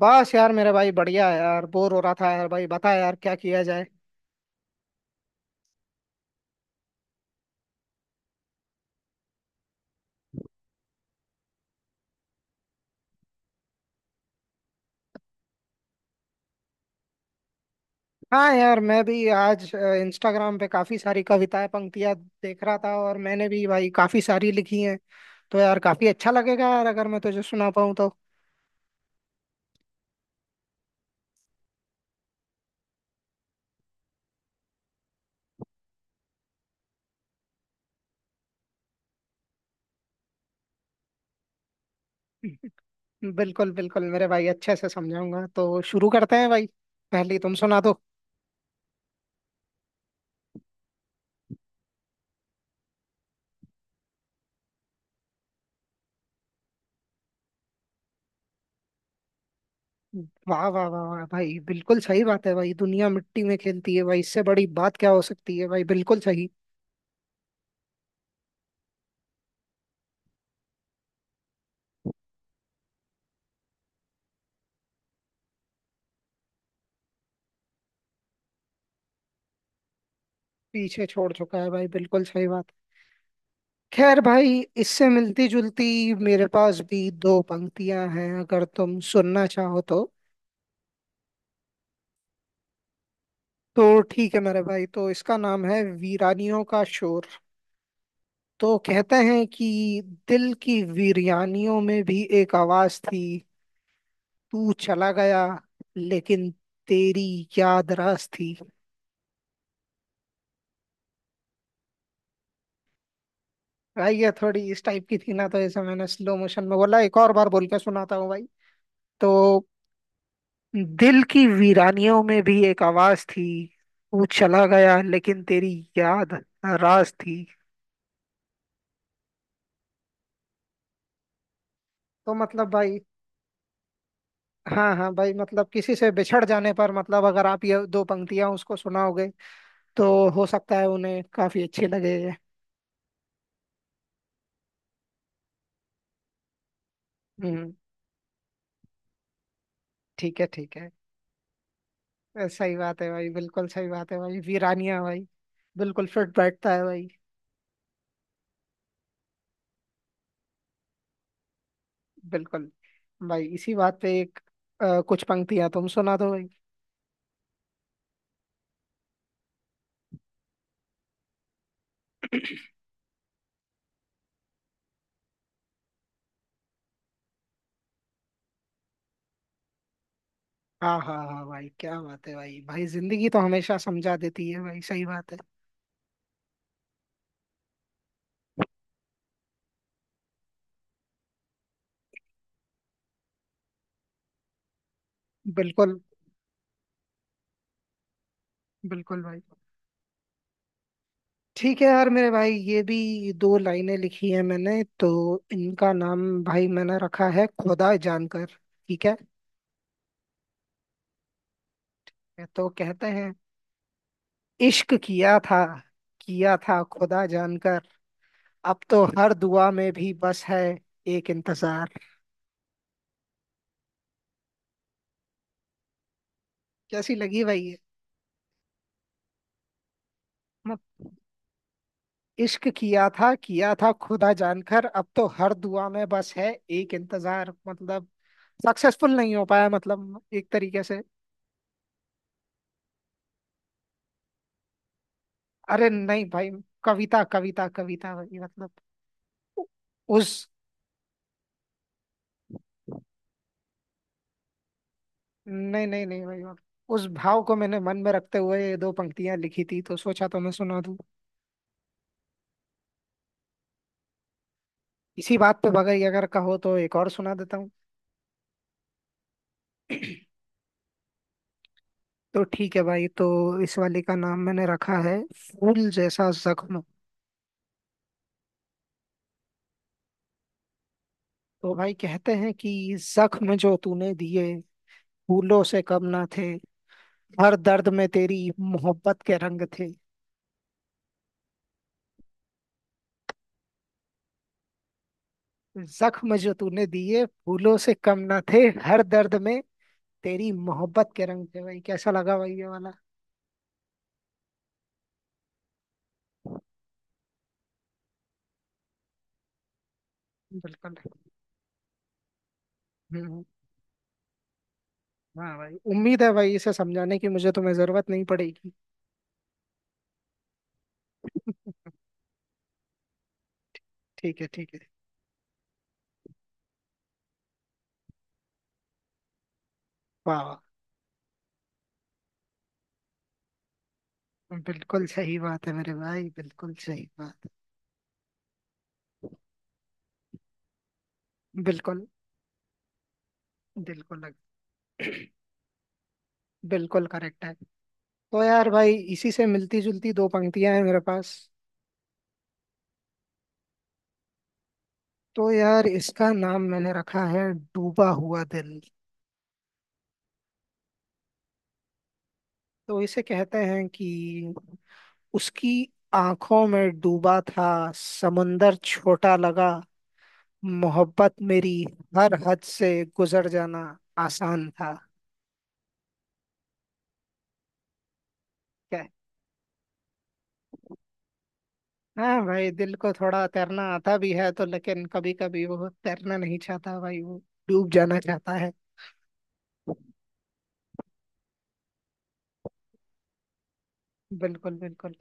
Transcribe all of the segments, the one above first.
बस यार मेरे भाई बढ़िया है यार। बोर हो रहा था यार। भाई बता यार, क्या किया जाए। हाँ यार, मैं भी आज इंस्टाग्राम पे काफी सारी कविताएं, पंक्तियां देख रहा था और मैंने भी भाई काफी सारी लिखी हैं। तो यार काफी अच्छा लगेगा यार, अगर मैं तुझे सुना पाऊँ तो। बिल्कुल बिल्कुल मेरे भाई, अच्छे से समझाऊंगा। तो शुरू करते हैं भाई, पहले तुम सुना दो। वाह वाह वाह वाह भाई, बिल्कुल सही बात है भाई। दुनिया मिट्टी में खेलती है भाई, इससे बड़ी बात क्या हो सकती है भाई। बिल्कुल सही। पीछे छोड़ चुका है भाई, बिल्कुल सही बात। खैर भाई, इससे मिलती जुलती मेरे पास भी दो पंक्तियां हैं, अगर तुम सुनना चाहो तो। तो ठीक है मेरे भाई, तो इसका नाम है वीरानियों का शोर। तो कहते हैं कि दिल की वीरानियों में भी एक आवाज थी, तू चला गया लेकिन तेरी याद रास थी। भाई ये थोड़ी इस टाइप की थी ना, तो इसे मैंने स्लो मोशन में बोला। एक और बार बोल के सुनाता हूँ भाई। तो दिल की वीरानियों में भी एक आवाज थी, तू चला गया लेकिन तेरी याद राज थी। तो मतलब भाई, हाँ हाँ भाई, मतलब किसी से बिछड़ जाने पर, मतलब अगर आप ये दो पंक्तियां उसको सुनाओगे तो हो सकता है उन्हें काफी अच्छी लगे ये। हम्म, ठीक है ठीक है। सही बात है भाई, बिल्कुल सही बात है भाई। वीरानिया भाई बिल्कुल फिट बैठता है भाई। बिल्कुल भाई। इसी बात पे एक कुछ पंक्तियां तुम सुना दो भाई। हाँ हाँ हाँ भाई, क्या बात है भाई। भाई जिंदगी तो हमेशा समझा देती है भाई, सही बात है। बिल्कुल बिल्कुल भाई। ठीक है यार मेरे भाई, ये भी दो लाइनें लिखी है मैंने तो। इनका नाम भाई मैंने रखा है खुदा जानकर, ठीक है। तो कहते हैं, इश्क किया था, किया था खुदा जानकर। अब तो हर दुआ में भी बस है एक इंतजार। कैसी लगी भाई ये। इश्क किया था, किया था खुदा जानकर, अब तो हर दुआ में बस है एक इंतजार। मतलब सक्सेसफुल नहीं हो पाया, मतलब एक तरीके से। अरे नहीं भाई, कविता कविता कविता भाई, मतलब उ- उस नहीं नहीं नहीं भाई, मतलब उस भाव को मैंने मन में रखते हुए ये दो पंक्तियां लिखी थी, तो सोचा तो मैं सुना दूं। इसी बात पे बगैर अगर कहो तो एक और सुना देता हूँ। तो ठीक है भाई, तो इस वाले का नाम मैंने रखा है फूल जैसा जख्म। तो भाई कहते हैं कि जख्म जो तूने दिए फूलों से कम ना थे, हर दर्द में तेरी मोहब्बत के रंग थे। जख्म जो तूने दिए फूलों से कम ना थे, हर दर्द में तेरी मोहब्बत के रंग थे। भाई कैसा लगा भाई ये वाला। बिल्कुल। हम्म। हाँ भाई, उम्मीद है भाई इसे समझाने की मुझे तुम्हें जरूरत नहीं पड़ेगी। ठीक है ठीक है। वाह वाह, बिल्कुल सही बात है मेरे भाई, बिल्कुल सही बात। बिल्कुल बिल्कुल, बिल्कुल करेक्ट है। तो यार भाई, इसी से मिलती जुलती दो पंक्तियां हैं मेरे पास। तो यार इसका नाम मैंने रखा है डूबा हुआ दिल। तो इसे कहते हैं कि उसकी आंखों में डूबा था, समंदर छोटा लगा। मोहब्बत मेरी हर हद से गुजर जाना आसान था। क्या। हाँ भाई, दिल को थोड़ा तैरना आता भी है तो लेकिन कभी कभी वो तैरना नहीं चाहता भाई, वो डूब जाना चाहता है। बिल्कुल बिल्कुल।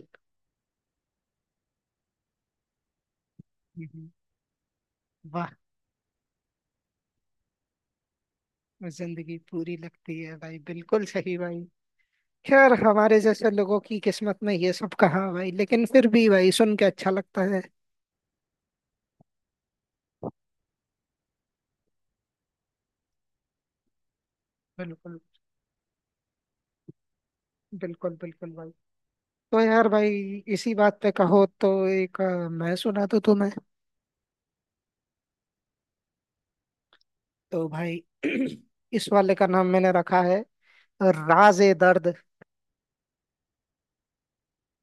हम्म, वाह। जिंदगी पूरी लगती है भाई, बिल्कुल सही भाई। खैर हमारे जैसे लोगों की किस्मत में ये सब कहाँ भाई, लेकिन फिर भी भाई सुन के अच्छा लगता है। बिल्कुल, बिल्कुल बिल्कुल भाई। तो यार भाई, इसी बात पे कहो तो एक मैं सुना तो तुम्हें। तो भाई इस वाले का नाम मैंने रखा है राज ए दर्द,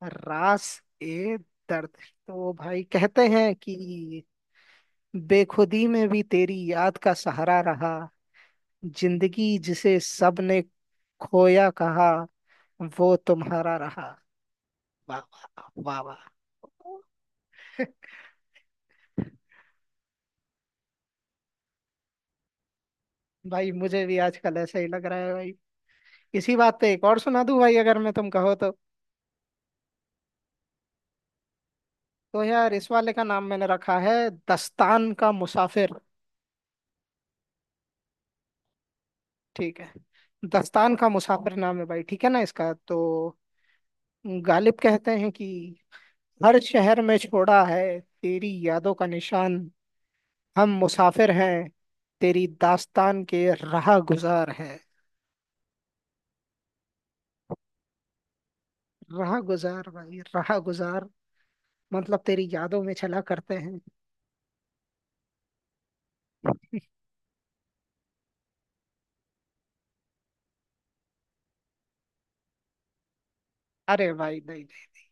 रास ए दर्द। तो भाई कहते हैं कि बेखुदी में भी तेरी याद का सहारा रहा। जिंदगी जिसे सबने खोया कहा, वो तुम्हारा रहा। वाह वाह वाह वाह। भाई मुझे भी आजकल ऐसा ही लग रहा है भाई। इसी बात पे एक और सुना दूं भाई अगर मैं तुम कहो तो। तो यार इस वाले का नाम मैंने रखा है दस्तान का मुसाफिर। ठीक है। दस्तान का मुसाफिर नाम है भाई, ठीक है ना इसका तो। गालिब कहते हैं कि हर शहर में छोड़ा है तेरी यादों का निशान। हम मुसाफिर हैं, तेरी दास्तान के राह गुजार है। राह गुजार भाई, राह गुजार, मतलब तेरी यादों में चला करते हैं। अरे भाई नहीं नहीं,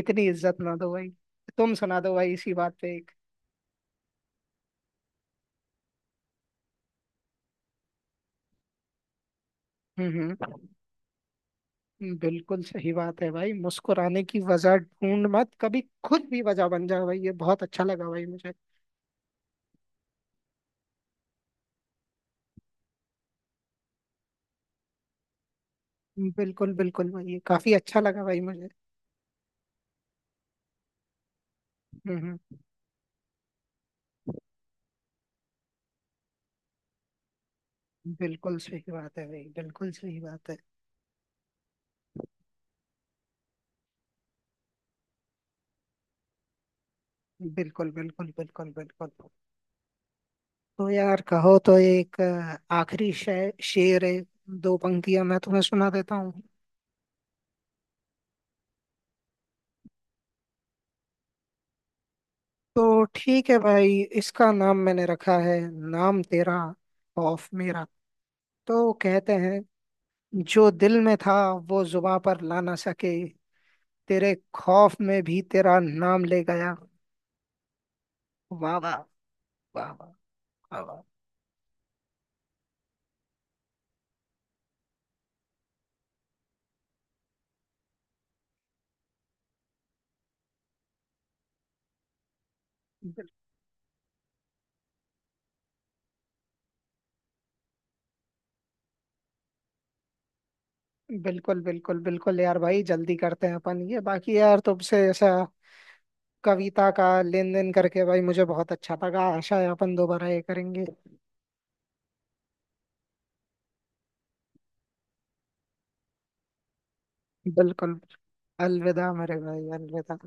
इतनी इज्जत ना दो भाई। तुम सुना दो भाई इसी बात पे एक। हम्म बिल्कुल सही बात है भाई। मुस्कुराने की वजह ढूंढ मत, कभी खुद भी वजह बन जाओ भाई, ये बहुत अच्छा लगा भाई मुझे। बिल्कुल बिल्कुल भाई, ये काफी अच्छा लगा भाई मुझे। हम्म हम्म, बिल्कुल सही बात है भाई, बिल्कुल सही बात है। बिल्कुल बिल्कुल बिल्कुल बिल्कुल। तो यार कहो तो एक आखिरी शेर है, दो पंक्तियां मैं तुम्हें सुना देता हूँ। तो ठीक है भाई, इसका नाम मैंने रखा है नाम तेरा खौफ मेरा। तो कहते हैं, जो दिल में था वो जुबां पर ला ना सके, तेरे खौफ में भी तेरा नाम ले गया। वाह वाह, वाह वाह, वाह वाह। बिल- बिल्कुल बिल्कुल बिल्कुल यार भाई, जल्दी करते हैं अपन ये बाकी। यार तुमसे ऐसा कविता का लेन देन करके भाई मुझे बहुत अच्छा लगा, आशा है अपन दोबारा ये करेंगे। बिल्कुल। अलविदा मेरे भाई, अलविदा।